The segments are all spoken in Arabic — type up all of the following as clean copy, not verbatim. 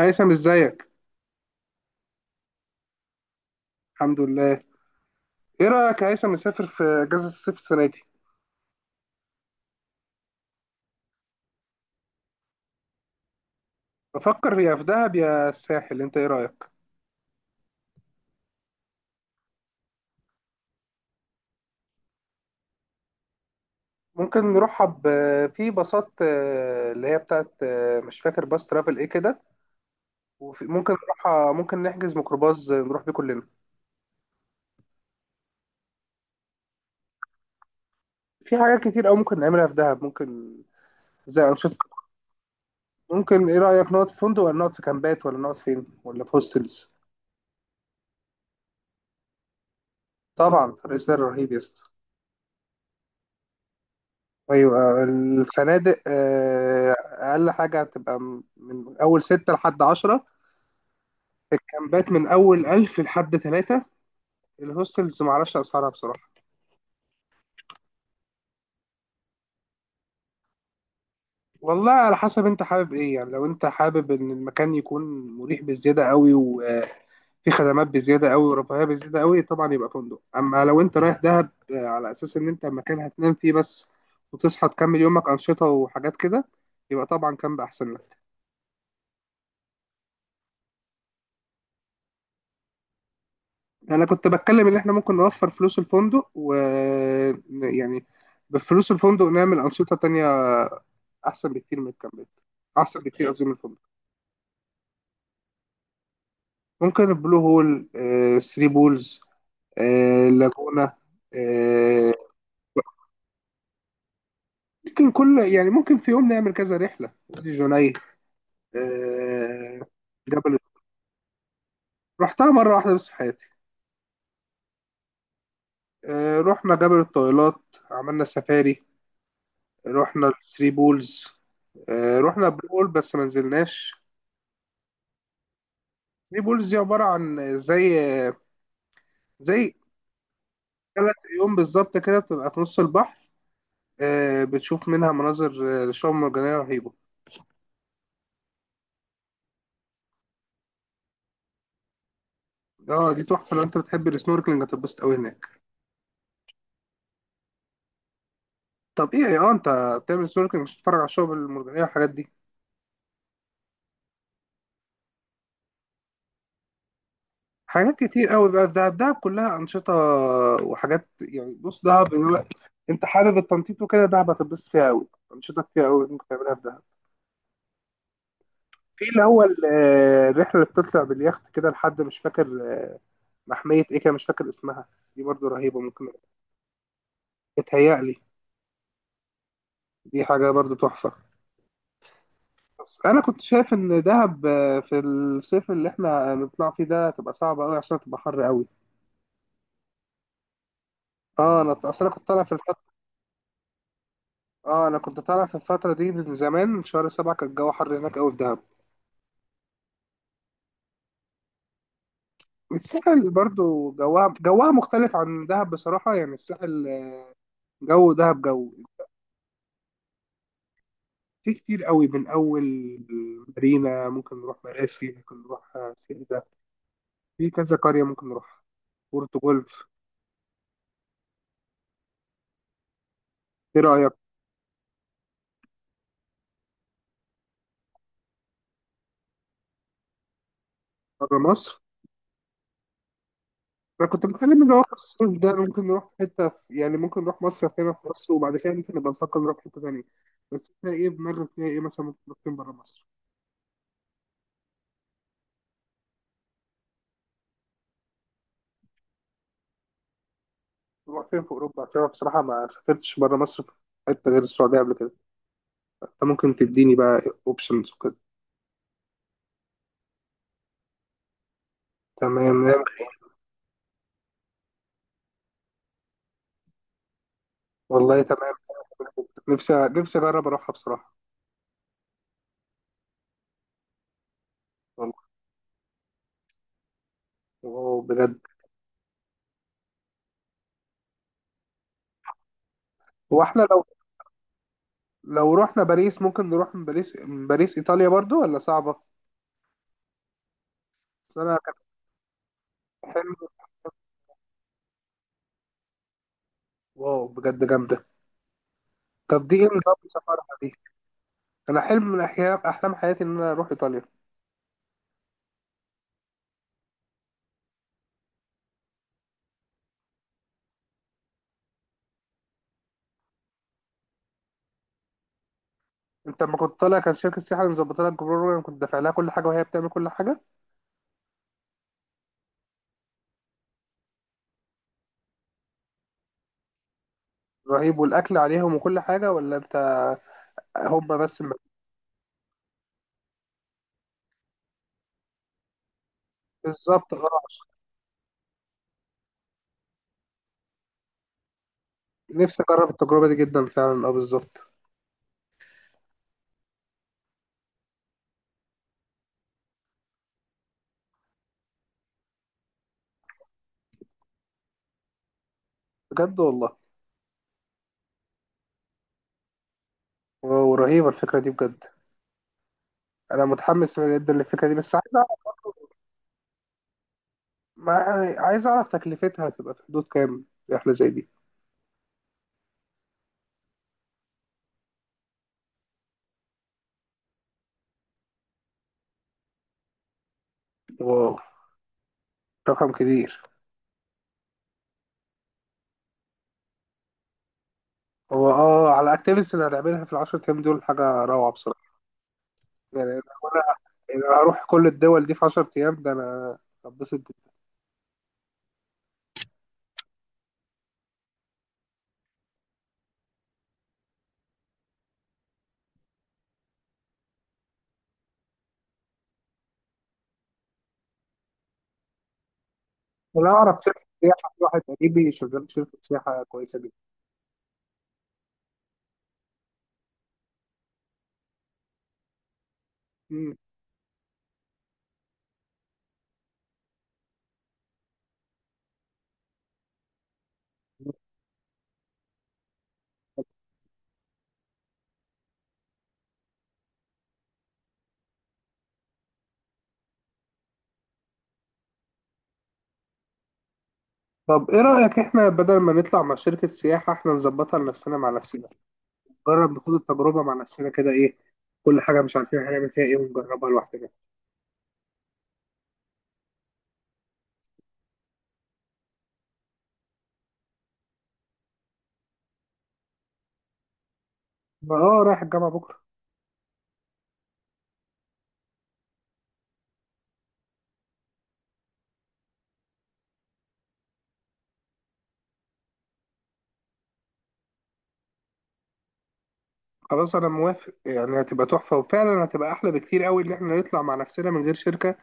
هيثم، ازيك؟ الحمد لله. ايه رايك يا هيثم نسافر في اجازه الصيف السنه دي؟ بفكر يا في دهب يا الساحل، انت ايه رايك؟ ممكن نروحها في باصات، اللي هي بتاعت، مش فاكر باص ترافل ايه كده. وفي ممكن نروحها، ممكن نحجز ميكروباص، نروح بيه كلنا. في حاجات كتير قوي ممكن نعملها في دهب، ممكن زي انشطه. ممكن، ايه رايك نقعد في فندق ولا نقعد في كامبات ولا نقعد فين، ولا في هوستلز؟ طبعا فرق سعر رهيب يا اسطى. ايوه الفنادق، اقل حاجه هتبقى من اول ستة لحد عشرة. الكامبات من اول ألف لحد تلاتة. الهوستلز معرفش اسعارها بصراحه. والله على حسب انت حابب ايه، يعني لو انت حابب ان المكان يكون مريح بزياده قوي، وفي خدمات بزياده قوي ورفاهيه بزياده قوي، طبعا يبقى فندق. اما لو انت رايح دهب على اساس ان انت مكان هتنام فيه بس، وتصحى تكمل يومك انشطه وحاجات كده، يبقى طبعا كامب احسن لك. يعني انا كنت بتكلم ان احنا ممكن نوفر فلوس الفندق، و يعني بفلوس الفندق نعمل انشطه تانية، احسن بكتير من الكامبات، احسن بكتير قصدي من الفندق. ممكن البلو هول، ثري بولز، لاجونا. آه، ممكن كل، يعني ممكن في يوم نعمل كذا رحله وادي جنيه. آه، جبل. رحتها مره واحده بس في حياتي. رحنا جبل الطويلات، عملنا سفاري، رحنا الثري بولز، رحنا بلو هول بس ما نزلناش. ثري بولز دي عبارة عن زي زي ثلاث عيون بالظبط كده، بتبقى في نص البحر، بتشوف منها مناظر، شعاب مرجانية رهيبة. اه دي تحفة، لو انت بتحب السنوركلينج هتتبسط قوي هناك. طب ايه، اه انت بتعمل سنوركلينج مش بتتفرج على الشعاب المرجانية والحاجات دي؟ حاجات كتير قوي بقى في دهب، دهب كلها أنشطة وحاجات. يعني بص دهب، انت حابب التنطيط وكده دهب هتتبسط فيها قوي. أنشطة كتير قوي ممكن تعملها في دهب. في اللي هو الرحلة اللي بتطلع باليخت كده لحد مش فاكر، آه، محمية إيه كده مش فاكر اسمها، دي برضو رهيبة ممكن. بتهيألي دي حاجة برضو تحفة. بس أنا كنت شايف إن دهب في الصيف اللي إحنا نطلع فيه ده تبقى صعبة أوي، عشان تبقى حر أوي. أه، أنا أصل أنا كنت طالع في الفترة. أه أنا كنت طالع في الفترة دي من زمان، من شهر سبعة كان الجو حر هناك أوي في دهب. الساحل برضو جوها مختلف عن دهب بصراحة، يعني الساحل، جو دهب جو. في كتير قوي، من أول مارينا، ممكن نروح مراسي، ممكن نروح سيدة، في كذا قرية ممكن نروح، بورتو جولف. ايه رأيك؟ بره مصر؟ انا كنت بتكلم اللي هو في الصيف ده ممكن نروح حتة يعني ممكن نروح مصر هنا في مصر، وبعد كده ممكن نبقى نفكر نروح حتة تانية. بس انت ايه دماغك فيها، ايه مثلا ممكن نروح فين بره مصر؟ نروح فين في اوروبا؟ عشان انا بصراحة ما سافرتش بره مصر في حتة غير السعودية قبل كده. انت ممكن تديني بقى اوبشنز وكده. تمام تمام. والله تمام. نفسي اجرب اروحها بصراحة. والله، واو بجد. هو احنا لو، لو رحنا باريس ممكن نروح من باريس، ايطاليا برضو ولا صعبة؟ أصل انا حلم. واو بجد جامدة. طب دي ايه نظام سفرها دي؟ أنا حلم من أحيان أحلام حياتي إن أنا أروح إيطاليا. أنت لما كنت طالع كان شركة سياحة اللي مظبطة لك جروب، وأنا كنت دافع لها كل حاجة وهي بتعمل كل حاجة؟ رهيب، والأكل عليهم وكل حاجة ولا أنت، هما بس بالظبط أه نفسي أجرب التجربة دي جدا فعلا، أه بالظبط. بجد والله. واو رهيبة الفكرة دي بجد. أنا متحمس جدا للفكرة دي بس عايز أعرف برضه، عايز أعرف تكلفتها هتبقى في حدود كام رحلة زي دي؟ واو، رقم كبير. هو اه على الاكتيفيتيز اللي هنعملها في العشر ايام دول حاجه روعه بصراحه. يعني انا، يعني أنا هروح كل الدول دي في 10 ايام ده انا هتبسط جدا. انا اعرف شركه سياحه، في واحد قريبي شغال في شركه سياحه كويسه جدا. مم. طب ايه رايك احنا بدل ما نطلع مع شركه سياحه احنا نظبطها لنفسنا مع نفسنا، نجرب نخوض التجربه مع نفسنا كده، ايه، كل حاجه مش عارفين هنعمل فيها ايه، ونجربها لوحدنا. ما اه، رايح الجامعه بكره. خلاص انا موافق، يعني هتبقى تحفه وفعلا هتبقى احلى بكتير قوي ان احنا نطلع مع نفسنا من غير شركه.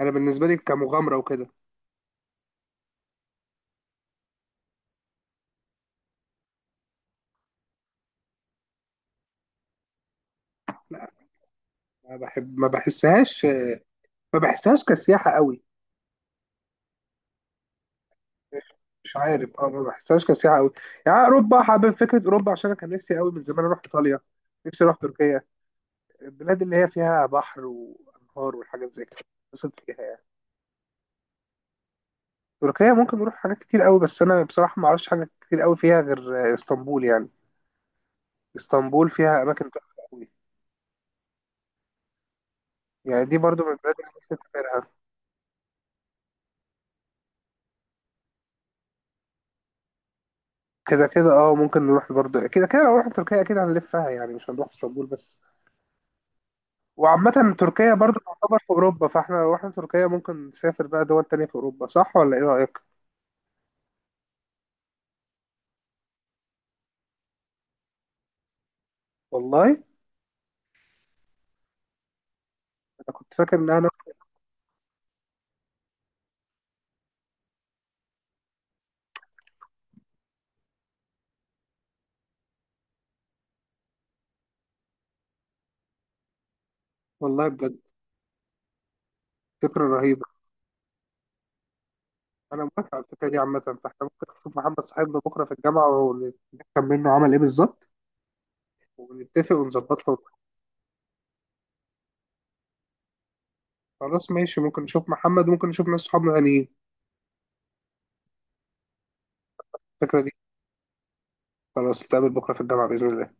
انا بالنسبه لي كمغامره وكده. لا، ما بحب، ما بحسهاش، ما بحسهاش كسياحه قوي. مش عارف اه، ما بحسهاش كسياحه قوي. يعني اوروبا، حابب فكره اوروبا عشان انا كان نفسي قوي من زمان اروح ايطاليا. نفسي اروح تركيا. البلاد اللي هي فيها بحر وانهار والحاجات زي كده اتبسط فيها يعني. تركيا ممكن نروح حاجات كتير قوي، بس انا بصراحه ما اعرفش حاجات كتير قوي فيها غير اسطنبول يعني. اسطنبول فيها اماكن تحفه قوي. يعني دي برضو من البلاد اللي نفسي اسافرها. كده كده اه ممكن نروح برضه كده كده، لو رحنا تركيا اكيد هنلفها يعني، مش هنروح اسطنبول بس. وعامة تركيا برضه تعتبر في اوروبا، فاحنا لو رحنا تركيا ممكن نسافر بقى دول تانية في اوروبا، صح ولا ايه رأيك؟ والله انا كنت فاكر انها نفس. والله بجد، فكرة رهيبة. انا موافق على الفكرة دي عامة، فاحنا ممكن نشوف محمد صاحبنا بكرة في الجامعة ونفهم منه عمل ايه بالظبط ونتفق ونظبطها. خلاص ماشي، ممكن نشوف محمد، ممكن نشوف ناس صحابنا تانيين الفكرة دي. خلاص نتقابل بكرة في الجامعة بإذن الله.